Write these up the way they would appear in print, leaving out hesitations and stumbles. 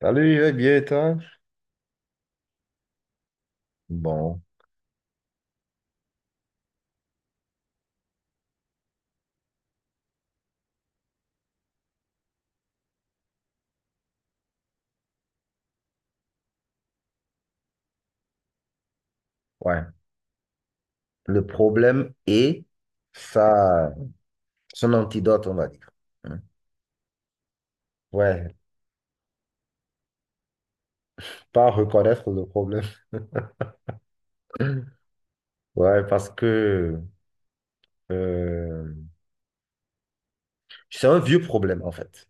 Salut, je vais bien, et toi? Bon, ouais. Le problème est ça, son antidote, on va dire. Hein. Ouais, pas reconnaître le problème. Ouais, parce que euh, c'est un vieux problème, en fait.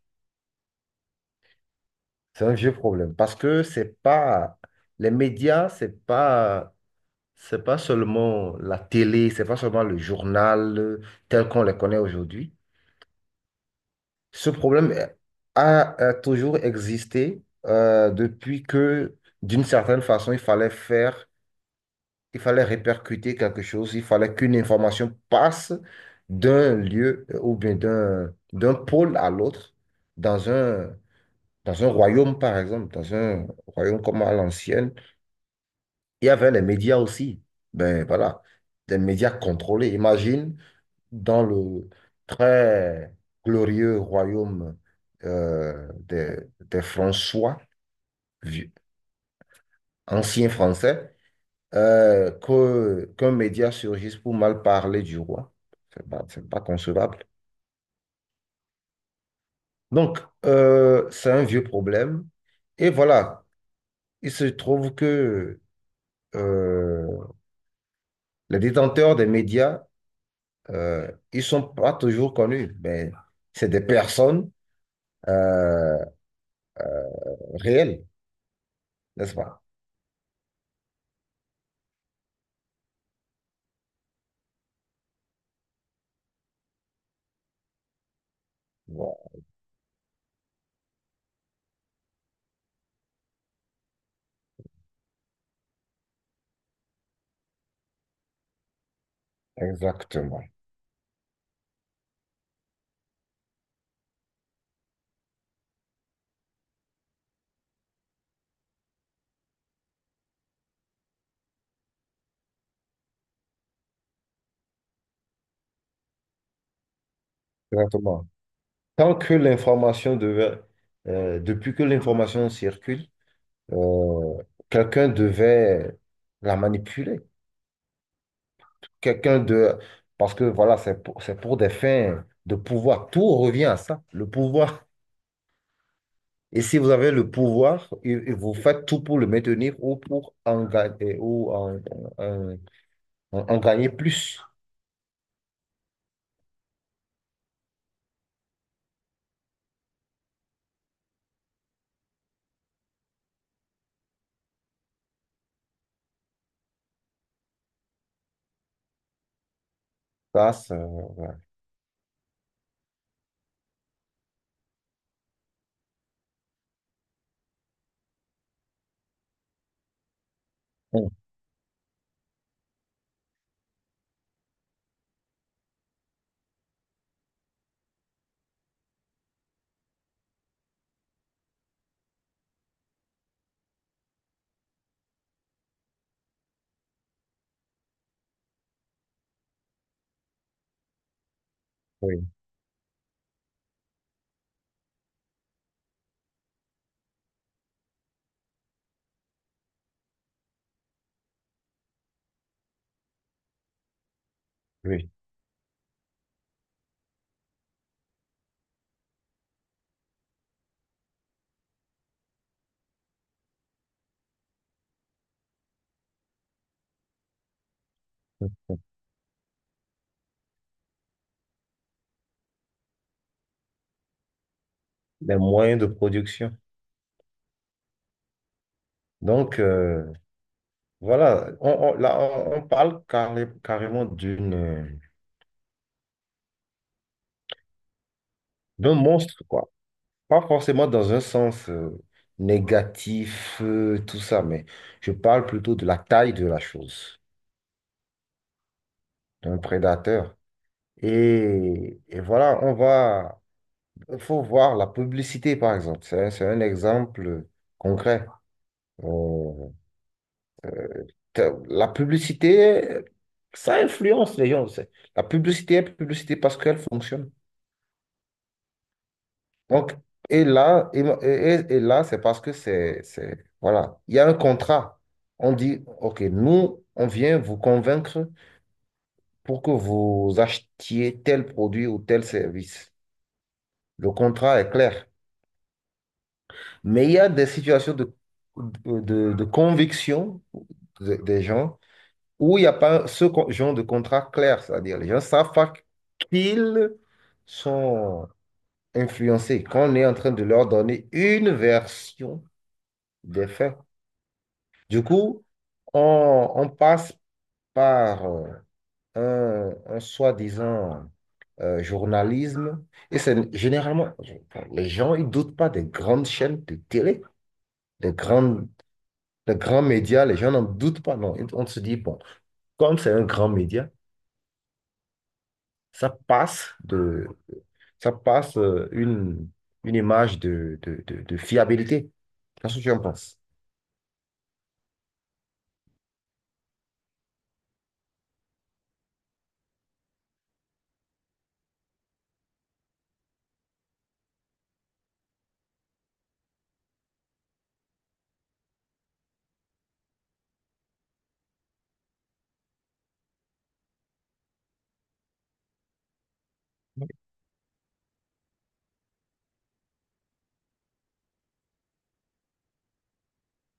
C'est un vieux problème. Parce que c'est pas. Les médias, c'est pas. C'est pas seulement la télé, c'est pas seulement le journal tel qu'on les connaît aujourd'hui. Ce problème a, a toujours existé depuis que, d'une certaine façon, il fallait faire, il fallait répercuter quelque chose, il fallait qu'une information passe d'un lieu ou bien d'un pôle à l'autre, dans un, dans un royaume, par exemple, dans un royaume comme à l'ancienne. Il y avait les médias aussi. Ben voilà, des médias contrôlés. Imagine dans le très glorieux royaume des François, vi- anciens Français, qu'un média surgisse pour mal parler du roi. C'est pas concevable. Donc, c'est un vieux problème. Et voilà, il se trouve que euh, les détenteurs des médias, ils sont pas toujours connus, mais c'est des personnes euh, réelles, n'est-ce pas? Bon. Exactement. Exactement. Tant que l'information devait, depuis que l'information circule, euh, quelqu'un devait la manipuler. Quelqu'un de, parce que voilà, c'est pour des fins de pouvoir. Tout revient à ça, le pouvoir. Et si vous avez le pouvoir, et vous faites tout pour le maintenir ou pour en gagner, ou en- en gagner plus. Ça, c'est- ouais. Oui, oui. Les moyens de production. Donc, voilà, on- là, on parle carrément d'un monstre, quoi. Pas forcément dans un sens négatif, tout ça, mais je parle plutôt de la taille de la chose, d'un prédateur. Et voilà, il faut voir la publicité, par exemple. C'est un exemple concret. On- La publicité, ça influence les gens. La publicité est publicité parce qu'elle fonctionne. Donc, et là, c'est parce que c'est, voilà, il y a un contrat. On dit, OK, nous, on vient vous convaincre pour que vous achetiez tel produit ou tel service. Le contrat est clair. Mais il y a des situations de conviction des gens où il n'y a pas ce genre de contrat clair. C'est-à-dire, les gens savent pas qu'ils sont influencés, qu'on est en train de leur donner une version des faits. Du coup, on passe par un soi-disant journalisme. Et c'est généralement, les gens, ils doutent pas des grandes chaînes de télé, des grandes, des grands médias. Les gens n'en doutent pas, non. On se dit, bon, comme c'est un grand média, ça passe de, ça passe une image de fiabilité. Qu'est-ce que tu en penses?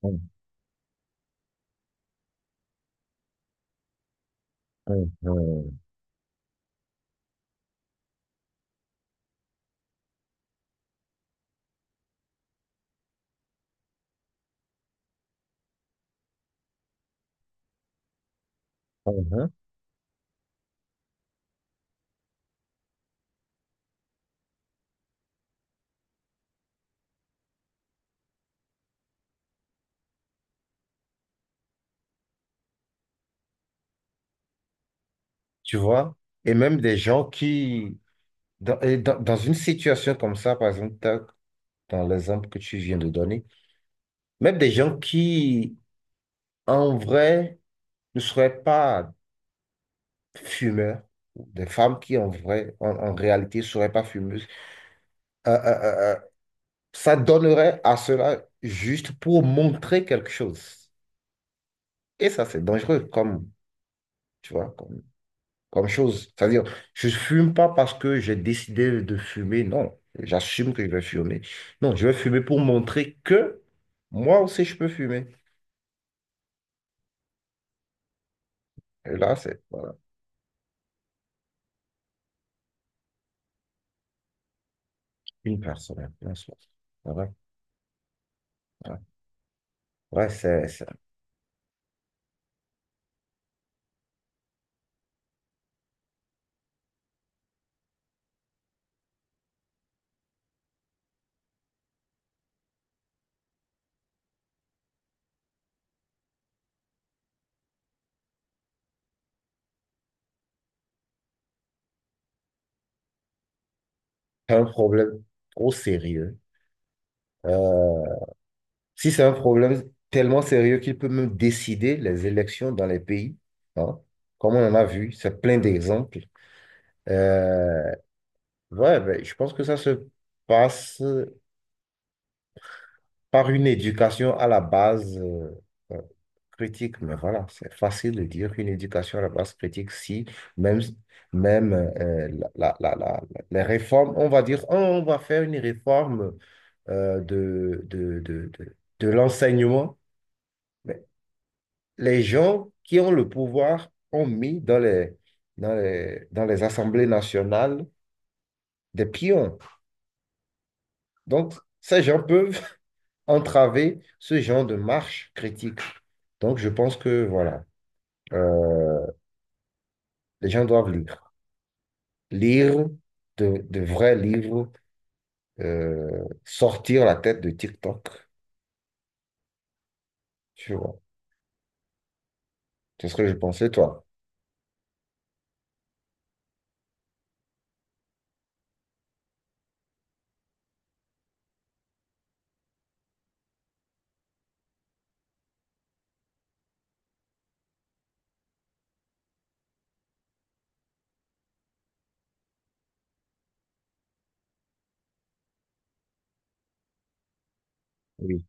Hum, hum, hum, hum, hum. Tu vois? Et même des gens qui, Dans une situation comme ça, par exemple, dans l'exemple que tu viens de donner, même des gens qui, en vrai, ne seraient pas fumeurs, ou des femmes qui, en vrai, en réalité, ne seraient pas fumeuses, euh, euh, euh, euh, ça donnerait à cela juste pour montrer quelque chose. Et ça, c'est dangereux, comme, tu vois, comme chose. C'est-à-dire, je fume pas parce que j'ai décidé de fumer. Non, j'assume que je vais fumer. Non, je vais fumer pour montrer que moi aussi je peux fumer. Et là, c'est voilà, une personne, une seule. Voilà, voilà. Ouais, c'est un problème trop sérieux. Euh, Si c'est un problème tellement sérieux qu'il peut même décider les élections dans les pays, hein, comme on en a vu, c'est plein d'exemples. Euh, ouais, ben, je pense que ça se passe par une éducation à la base euh, critique. Mais voilà, c'est facile de dire qu'une éducation à la base critique, si même, même la, la- la- la- les réformes, on va dire, oh, on va faire une réforme de l'enseignement. Mais les gens qui ont le pouvoir ont mis dans les assemblées nationales des pions. Donc, ces gens peuvent entraver ce genre de marche critique. Donc, je pense que, voilà, euh, les gens doivent lire. Lire de vrais livres, sortir la tête de TikTok. Tu vois, c'est ce que je pensais, toi. Oui.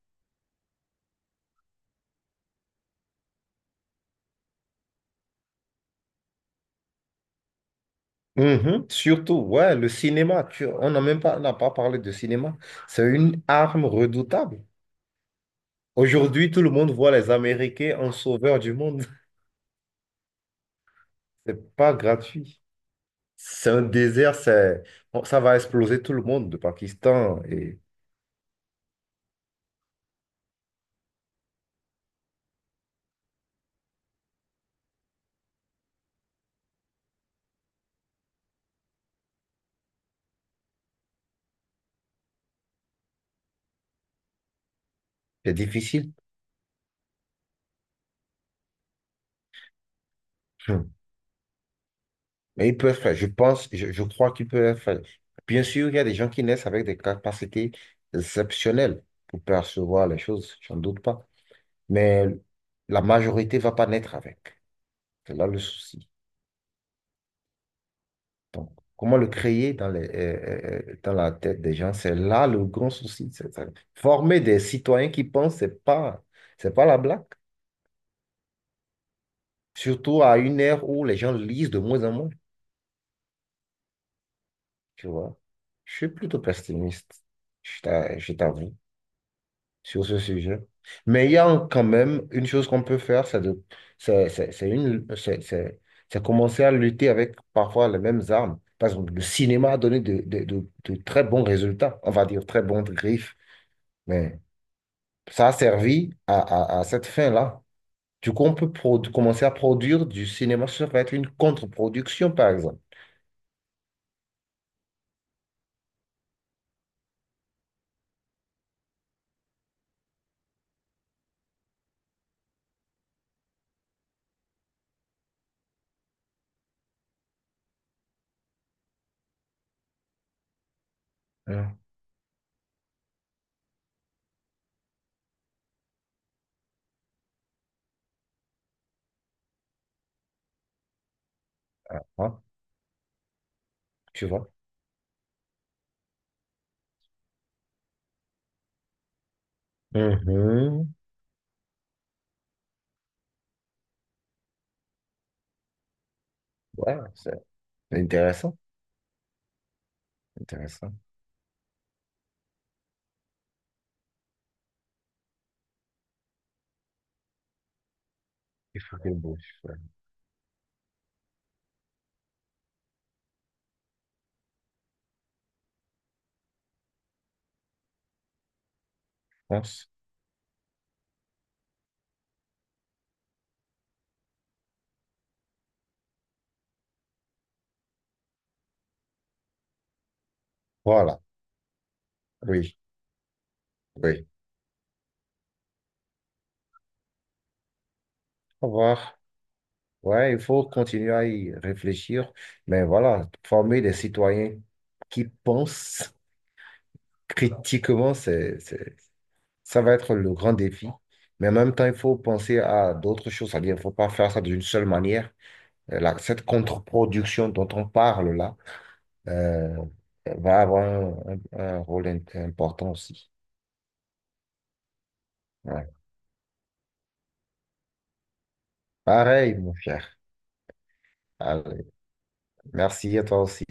Mhm. Surtout, ouais, le cinéma, on n'a pas parlé de cinéma. C'est une arme redoutable. Aujourd'hui, tout le monde voit les Américains en sauveur du monde. C'est pas gratuit. C'est un désert, c'est, bon, ça va exploser tout le monde, le Pakistan, et c'est difficile. Hmm. Mais ils peuvent faire, je pense, je crois qu'ils peuvent faire. Bien sûr, il y a des gens qui naissent avec des capacités exceptionnelles pour percevoir les choses, j'en doute pas. Mais la majorité va pas naître avec. C'est là le souci. Comment le créer dans la tête des gens, c'est là le grand souci. C'est ça. Former des citoyens qui pensent, c'est pas la blague. Surtout à une ère où les gens lisent de moins en moins, tu vois. Je suis plutôt pessimiste, je t'avoue, sur ce sujet. Mais il y a quand même une chose qu'on peut faire, c'est de, c'est une, c'est commencer à lutter avec parfois les mêmes armes. Par exemple, le cinéma a donné de très bons résultats, on va dire très bons griffes, mais ça a servi à cette fin-là. Du coup, on peut commencer à produire du cinéma, ça va être une contre-production, par exemple. Hein. Ah, hein. Tu vois. Mhm. Ouais, c'est intéressant, intéressant. Il faut que je pense. Voilà, oui, oui. Au revoir. Ouais, il faut continuer à y réfléchir, mais voilà, former des citoyens qui pensent critiquement, ça va être le grand défi. Mais en même temps, il faut penser à d'autres choses, c'est-à-dire, il ne faut pas faire ça d'une seule manière. Cette contre-production dont on parle là, euh, va avoir un rôle important aussi. Ouais. Pareil, mon cher. Allez, merci à toi aussi.